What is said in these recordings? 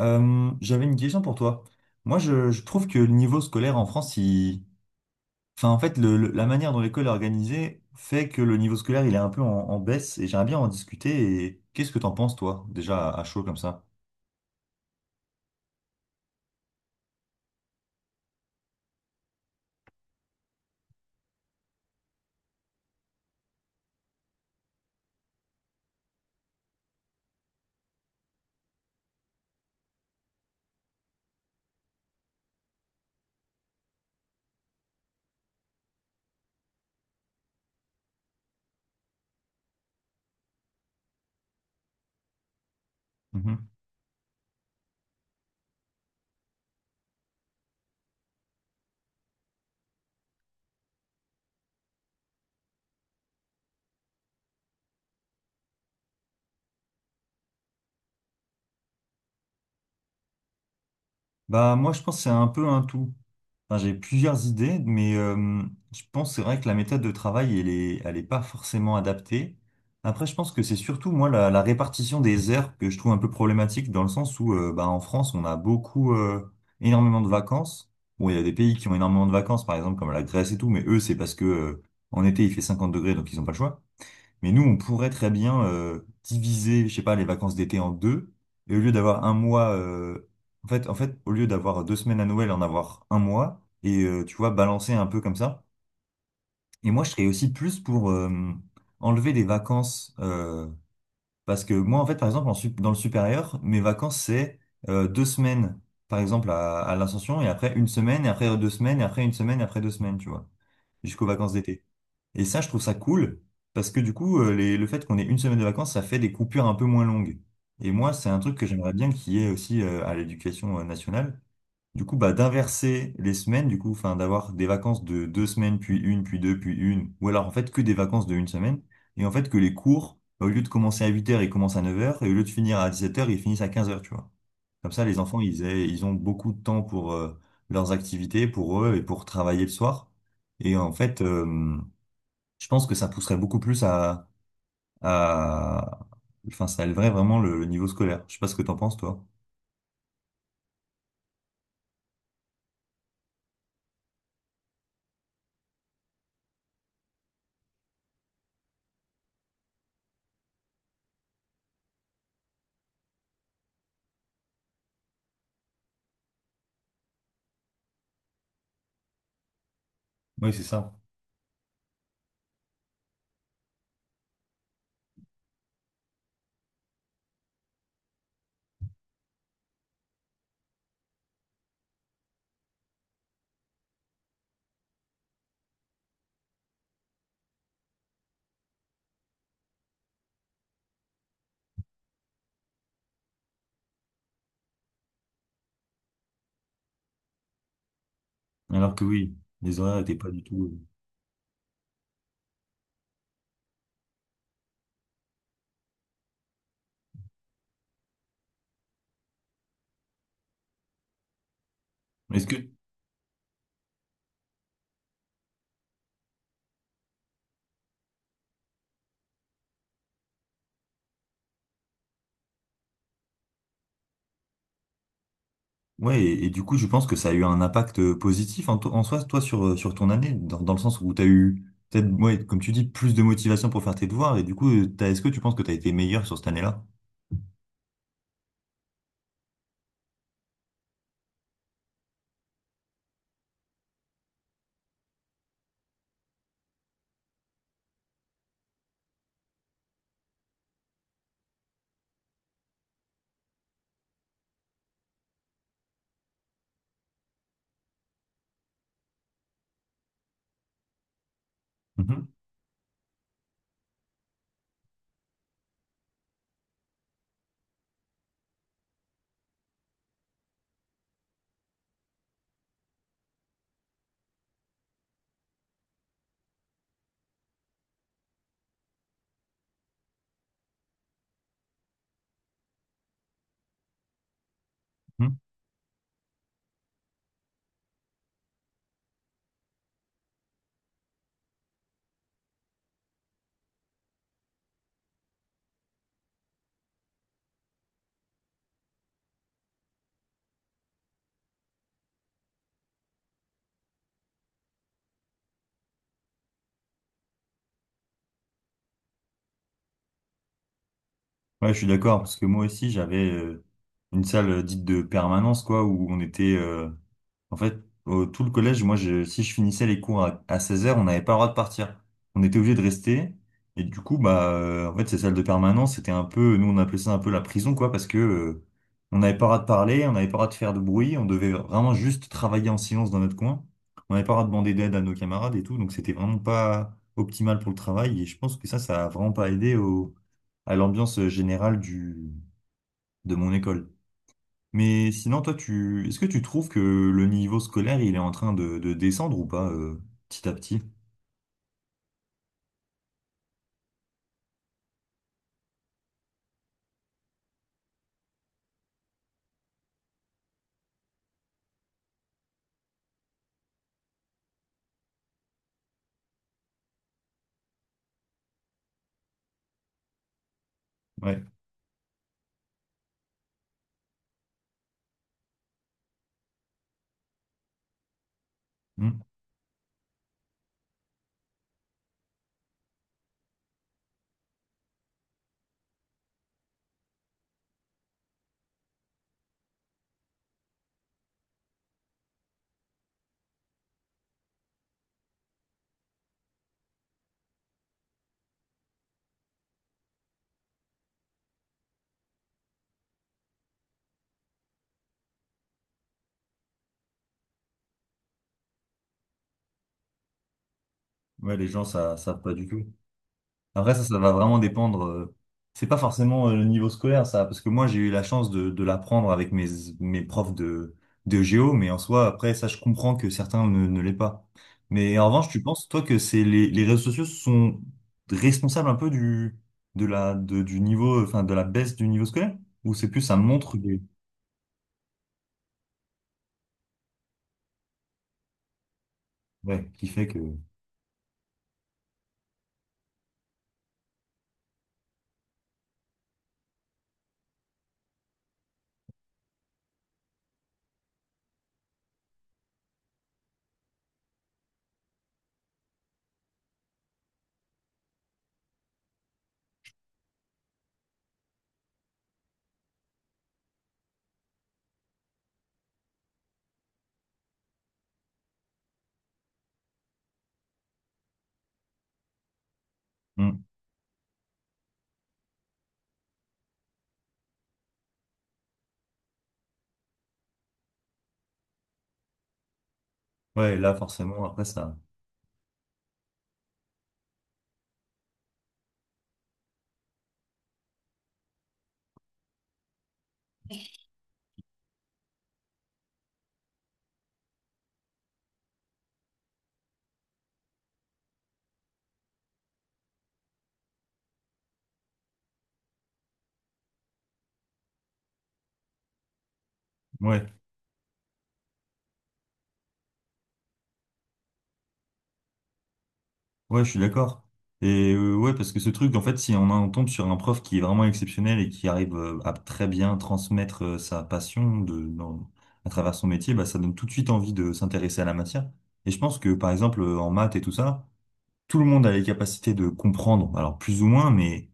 J'avais une question pour toi. Moi, je trouve que le niveau scolaire en France, il... enfin, en fait, la manière dont l'école est organisée fait que le niveau scolaire, il est un peu en baisse et j'aimerais bien en discuter. Et qu'est-ce que t'en penses, toi, déjà à chaud comme ça? Mhm. Bah moi je pense que c'est un peu un tout. Enfin, j'ai plusieurs idées, mais je pense que c'est vrai que la méthode de travail, elle est pas forcément adaptée. Après, je pense que c'est surtout moi la répartition des heures que je trouve un peu problématique dans le sens où bah, en France, on a beaucoup énormément de vacances. Bon, il y a des pays qui ont énormément de vacances, par exemple comme la Grèce et tout, mais eux, c'est parce que en été, il fait 50 degrés, donc ils n'ont pas le choix. Mais nous, on pourrait très bien diviser, je sais pas, les vacances d'été en deux. Et au lieu d'avoir un mois, au lieu d'avoir deux semaines à Noël, en avoir un mois. Et tu vois, balancer un peu comme ça. Et moi, je serais aussi plus pour enlever les vacances. Parce que moi, en fait, par exemple, dans le supérieur, mes vacances, c'est deux semaines, par exemple, à l'Ascension, et après une semaine, et après deux semaines, et après une semaine, et après deux semaines, tu vois, jusqu'aux vacances d'été. Et ça, je trouve ça cool parce que du coup, le fait qu'on ait une semaine de vacances, ça fait des coupures un peu moins longues. Et moi, c'est un truc que j'aimerais bien qu'il y ait aussi à l'éducation nationale. Du coup, bah, d'inverser les semaines, du coup, enfin, d'avoir des vacances de deux semaines, puis une, puis deux, puis une, ou alors en fait que des vacances de une semaine. Et en fait, que les cours, bah, au lieu de commencer à huit heures ils commencent à neuf heures et au lieu de finir à dix-sept heures ils finissent à quinze heures tu vois. Comme ça, les enfants, ils ont beaucoup de temps pour leurs activités, pour eux et pour travailler le soir. Et en fait, je pense que ça pousserait beaucoup plus à... Enfin, ça élèverait vraiment le niveau scolaire. Je sais pas ce que t'en penses, toi. Oui, c'est ça. Alors que oui, les horaires étaient pas du tout... euh, Est-ce que... Ouais, et du coup, je pense que ça a eu un impact positif en soi, toi, sur, sur ton année, dans le sens où t'as eu, peut-être, ouais, comme tu dis, plus de motivation pour faire tes devoirs, et du coup, est-ce que tu penses que t'as été meilleur sur cette année-là? Mhm, mhm. Ouais, je suis d'accord, parce que moi aussi, j'avais une salle dite de permanence, quoi, où on était... En fait, tout le collège, si je finissais les cours à 16h, on n'avait pas le droit de partir. On était obligé de rester. Et du coup, bah, en fait, ces salles de permanence, c'était un peu, nous, on appelait ça un peu la prison, quoi, parce que, on n'avait pas le droit de parler, on n'avait pas le droit de faire de bruit, on devait vraiment juste travailler en silence dans notre coin. On n'avait pas le droit de demander d'aide à nos camarades et tout, donc c'était vraiment pas optimal pour le travail. Et je pense que ça a vraiment pas aidé au, à l'ambiance générale du, de mon école. Mais sinon, toi, tu, est-ce que tu trouves que le niveau scolaire, il est en train de descendre ou pas, petit à petit? Ouais. Hmm. Ouais, les gens, ça, savent pas du tout. Après, ça va vraiment dépendre. C'est pas forcément le niveau scolaire, ça, parce que moi, j'ai eu la chance de l'apprendre avec mes profs de géo, mais en soi, après, ça, je comprends que certains ne l'aient pas. Mais en revanche, tu penses, toi, que c'est les réseaux sociaux sont responsables un peu du niveau, enfin, de la baisse du niveau scolaire? Ou c'est plus ça montre des- Ouais, qui fait que. Hmm. Ouais, là, forcément, après ça. Ouais, ouais, je suis d'accord. Et ouais, parce que ce truc, en fait, si on, en tombe sur un prof qui est vraiment exceptionnel et qui arrive à très bien transmettre sa passion à travers son métier, bah, ça donne tout de suite envie de s'intéresser à la matière. Et je pense que, par exemple, en maths et tout ça, tout le monde a les capacités de comprendre, alors plus ou moins, mais.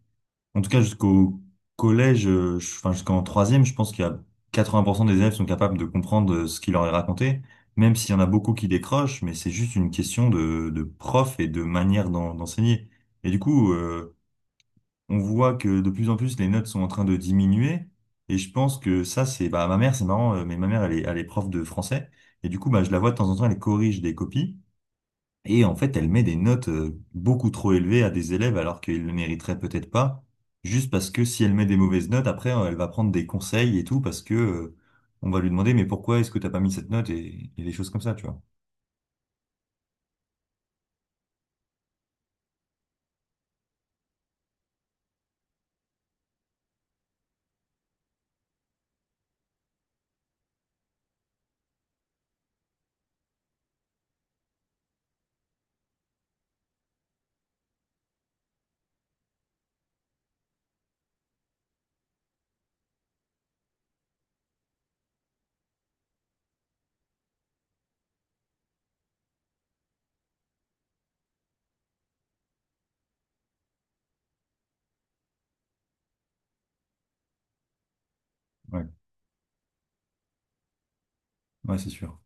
En tout cas, jusqu'au collège, enfin jusqu'en troisième, je pense qu'il y a 80% des élèves sont capables de comprendre ce qu'il leur est raconté, même s'il y en a beaucoup qui décrochent, mais c'est juste une question de prof et de manière d'enseigner. Et du coup, on voit que de plus en plus les notes sont en train de diminuer. Et je pense que ça, c'est bah ma mère, c'est marrant, mais ma mère, elle est prof de français. Et du coup, bah, je la vois de temps en temps, elle corrige des copies. Et en fait, elle met des notes beaucoup trop élevées à des élèves alors qu'ils le mériteraient peut-être pas, juste parce que si elle met des mauvaises notes, après, elle va prendre des conseils et tout, parce que on va lui demander, mais pourquoi est-ce que t'as pas mis cette note et des choses comme ça, tu vois. Ouais, ouais, c'est sûr.